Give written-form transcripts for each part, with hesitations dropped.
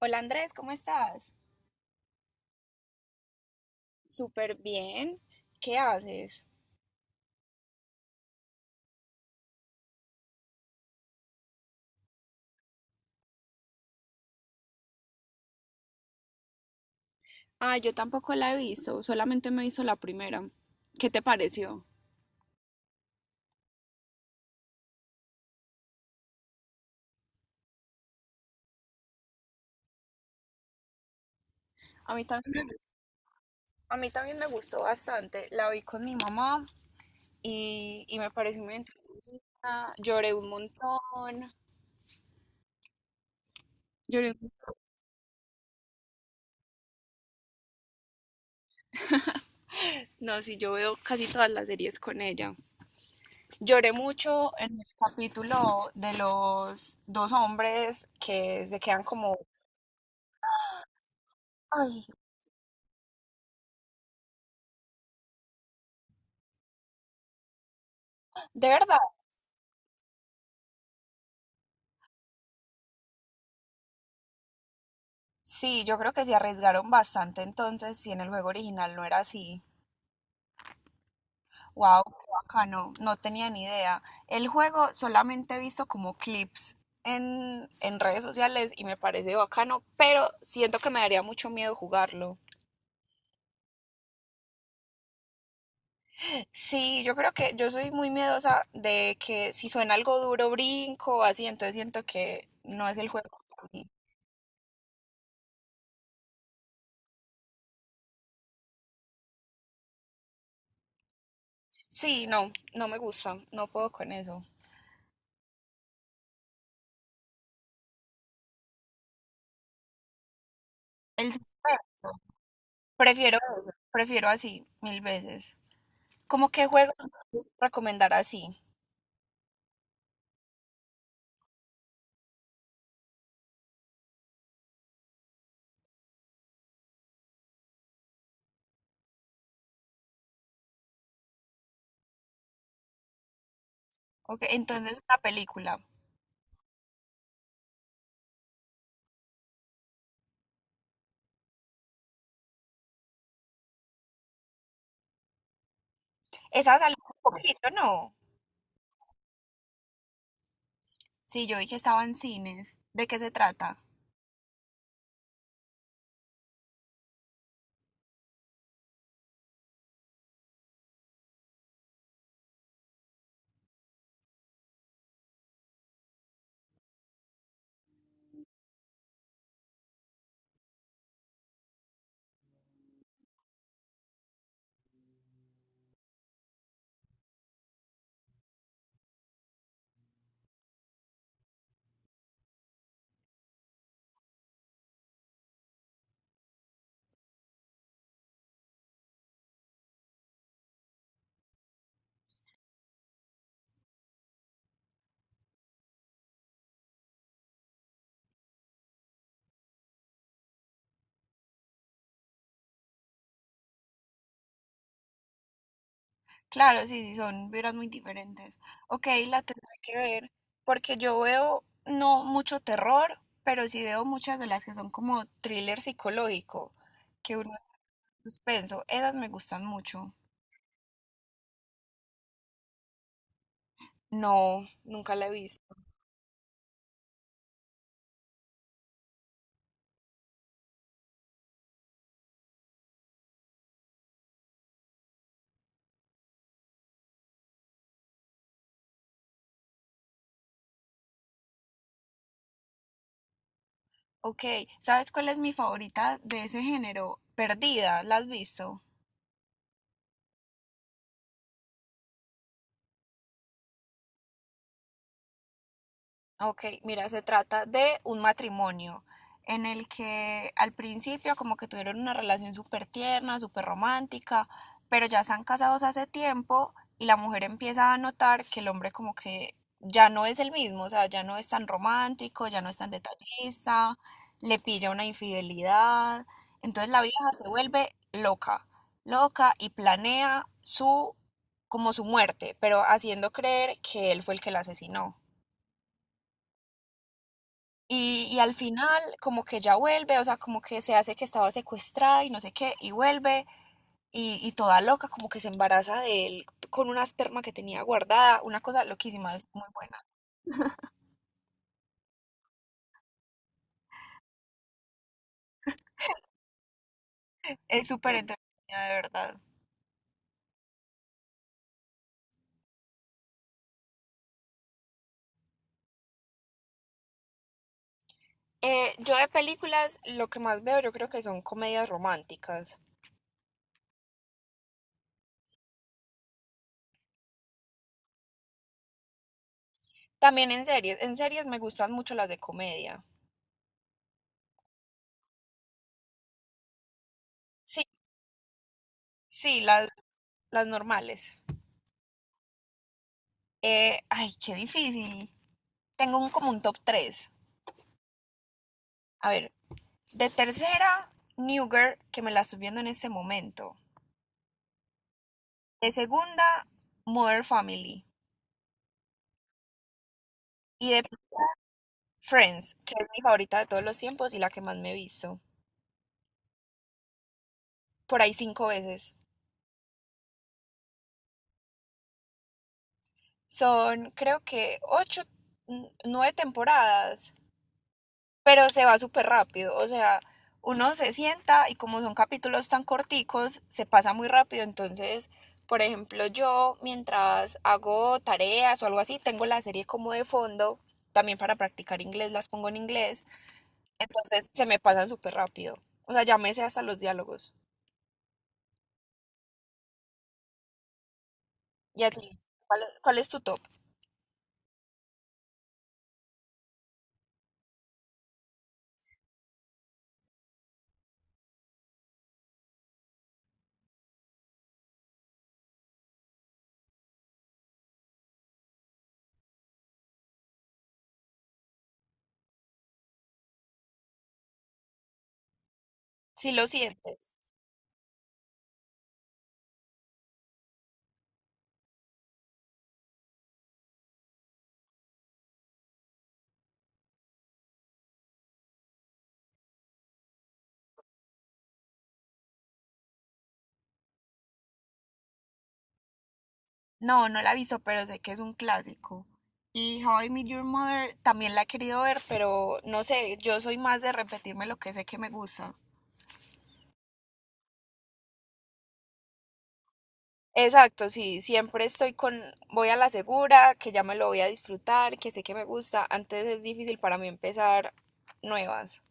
Hola Andrés, ¿cómo estás? Súper bien. ¿Qué haces? Ah, yo tampoco la he visto, solamente me hizo la primera. ¿Qué te pareció? A mí también, a mí también me gustó bastante. La vi con mi mamá y me pareció muy entretenida. Lloré un montón. Lloré mucho. No, sí, yo veo casi todas las series con ella. Lloré mucho en el capítulo de los dos hombres que se quedan como. Ay, de verdad. Sí, yo creo que se arriesgaron bastante entonces si en el juego original no era así. Wow, qué bacano, no tenía ni idea. El juego solamente he visto como clips en redes sociales y me parece bacano, pero siento que me daría mucho miedo jugarlo. Sí, yo creo que yo soy muy miedosa de que si suena algo duro brinco o así, entonces siento que no es el juego para mí. Sí, no, no me gusta, no puedo con eso. El suspenso, prefiero eso, prefiero así mil veces. ¿Cómo qué juego entonces recomendar así? Ok, entonces una película. Esa salió hace poquito, ¿no? Sí, yo vi que estaba en cines. ¿De qué se trata? Claro, sí, sí, son vibras muy diferentes. Ok, la tendré que ver porque yo veo no mucho terror, pero sí veo muchas de las que son como thriller psicológico, que uno está en suspenso. Esas me gustan mucho. No, nunca la he visto. Ok, ¿sabes cuál es mi favorita de ese género? Perdida, ¿la has visto? Ok, mira, se trata de un matrimonio en el que al principio como que tuvieron una relación súper tierna, súper romántica, pero ya están casados hace tiempo y la mujer empieza a notar que el hombre como que ya no es el mismo, o sea, ya no es tan romántico, ya no es tan detallista, le pilla una infidelidad, entonces la vieja se vuelve loca, loca y planea su como su muerte, pero haciendo creer que él fue el que la asesinó. Y al final, como que ya vuelve, o sea, como que se hace que estaba secuestrada y no sé qué, y vuelve, y toda loca, como que se embaraza de él con una esperma que tenía guardada, una cosa loquísima, es muy buena. Es súper entretenida, de verdad. Yo de películas, lo que más veo, yo creo que son comedias románticas. También en series me gustan mucho las de comedia. Sí, sí, las normales. Ay, qué difícil. Tengo como un top tres. A ver, de tercera, New Girl, que me la estoy viendo en este momento. De segunda, Modern Family. Y de Friends, que es mi favorita de todos los tiempos y la que más me he visto. Por ahí cinco veces. Son, creo que, ocho, nueve temporadas, pero se va súper rápido, o sea, uno se sienta y como son capítulos tan corticos, se pasa muy rápido, entonces, por ejemplo, yo mientras hago tareas o algo así, tengo la serie como de fondo, también para practicar inglés, las pongo en inglés, entonces se me pasan súper rápido, o sea, ya me sé hasta los diálogos. ¿Y a ti? ¿Cuál es tu top? Si lo sientes. No, no la he visto, pero sé que es un clásico. Y How I Met Your Mother también la he querido ver, pero no sé, yo soy más de repetirme lo que sé que me gusta. Exacto, sí, siempre estoy con, voy a la segura, que ya me lo voy a disfrutar, que sé que me gusta. Antes es difícil para mí empezar nuevas.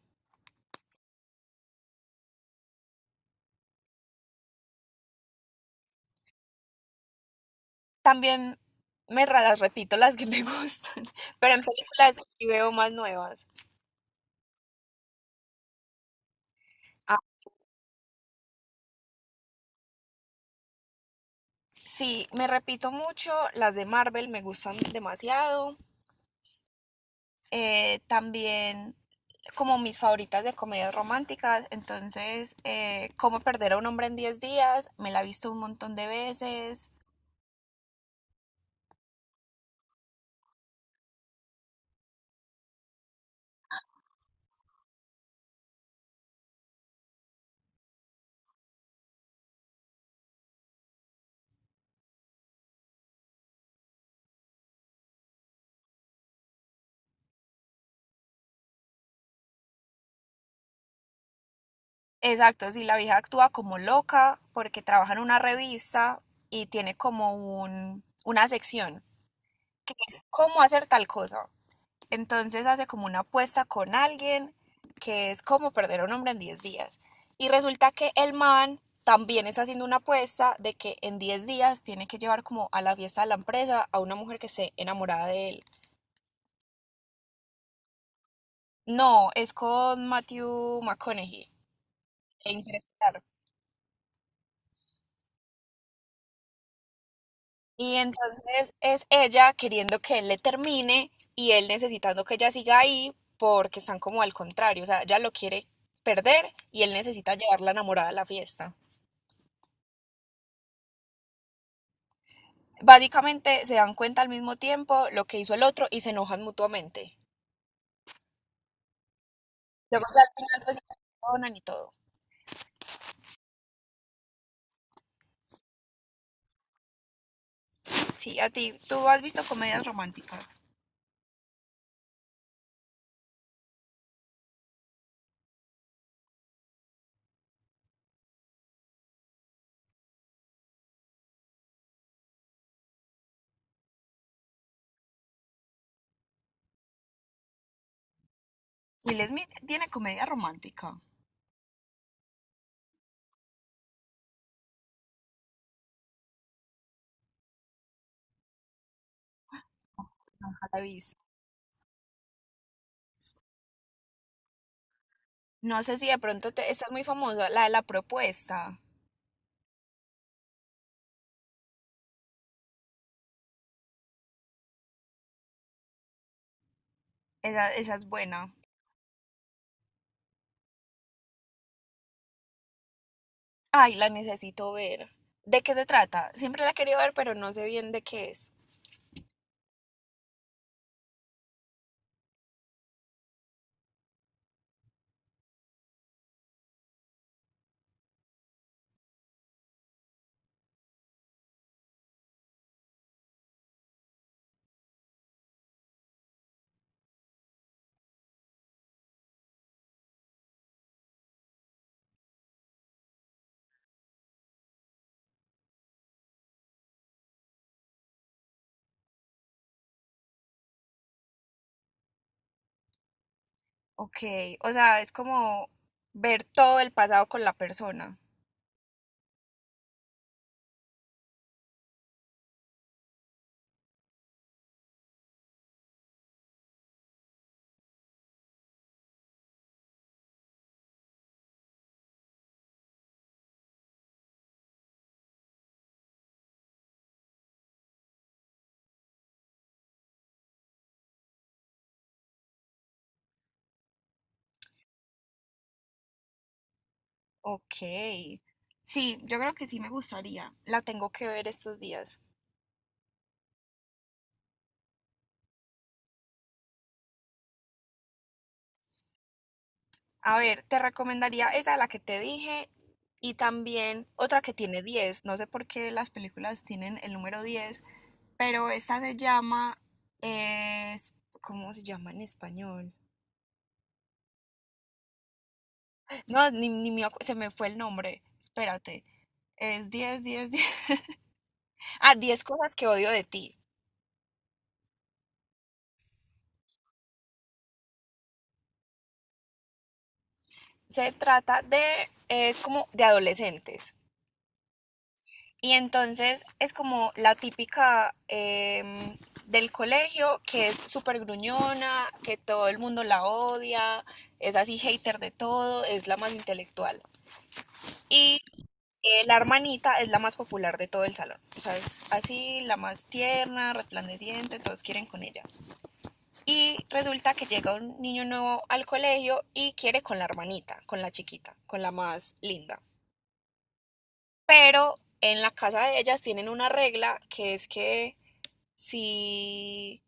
También las repito las que me gustan, pero en películas sí veo más nuevas. Ah, sí, me repito mucho, las de Marvel me gustan demasiado. También como mis favoritas de comedias románticas, entonces Cómo perder a un hombre en 10 días, me la he visto un montón de veces. Exacto, si sí, la vieja actúa como loca porque trabaja en una revista y tiene como una sección que es cómo hacer tal cosa. Entonces hace como una apuesta con alguien que es como perder a un hombre en 10 días. Y resulta que el man también está haciendo una apuesta de que en 10 días tiene que llevar como a la fiesta de la empresa a una mujer que esté enamorada de él. No, es con Matthew McConaughey e Interestelar. Y entonces es ella queriendo que él le termine y él necesitando que ella siga ahí porque están como al contrario, o sea, ella lo quiere perder y él necesita llevarla enamorada a la fiesta. Básicamente se dan cuenta al mismo tiempo lo que hizo el otro y se enojan mutuamente. Luego ya al final pues se perdonan y todo. Sí, a ti, tú has visto comedias románticas. Will Smith tiene comedia romántica. Nunca la he visto. No sé si de pronto te, esta es muy famosa, la de la propuesta. Esa es buena. Ay, la necesito ver. ¿De qué se trata? Siempre la he querido ver, pero no sé bien de qué es. Ok, o sea, es como ver todo el pasado con la persona. Ok. Sí, yo creo que sí me gustaría. La tengo que ver estos días. A ver, te recomendaría esa, la que te dije, y también otra que tiene 10. No sé por qué las películas tienen el número 10, pero esta se llama. es- ¿Cómo se llama en español? No, ni, ni me acu- se me fue el nombre. Espérate. Es diez. Ah, 10 cosas que odio de ti. Se trata de. Es como de adolescentes. Y entonces es como la típica del colegio que es súper gruñona, que todo el mundo la odia, es así hater de todo, es la más intelectual. Y la hermanita es la más popular de todo el salón. O sea, es así, la más tierna, resplandeciente, todos quieren con ella. Y resulta que llega un niño nuevo al colegio y quiere con la hermanita, con la chiquita, con la más linda. Pero en la casa de ellas tienen una regla que es que Si,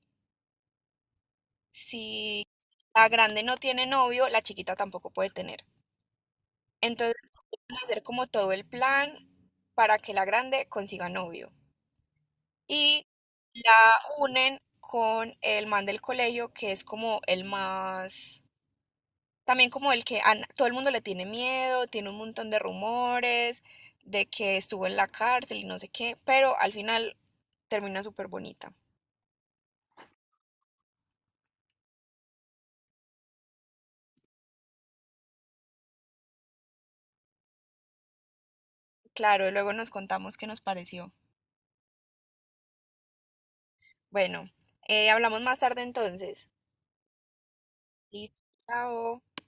si la grande no tiene novio, la chiquita tampoco puede tener. Entonces, van a hacer como todo el plan para que la grande consiga novio. Y la unen con el man del colegio, que es como el más, también como el que todo el mundo le tiene miedo, tiene un montón de rumores de que estuvo en la cárcel y no sé qué, pero al final termina súper bonita. Claro, y luego nos contamos qué nos pareció. Bueno, hablamos más tarde entonces. Listo, chao.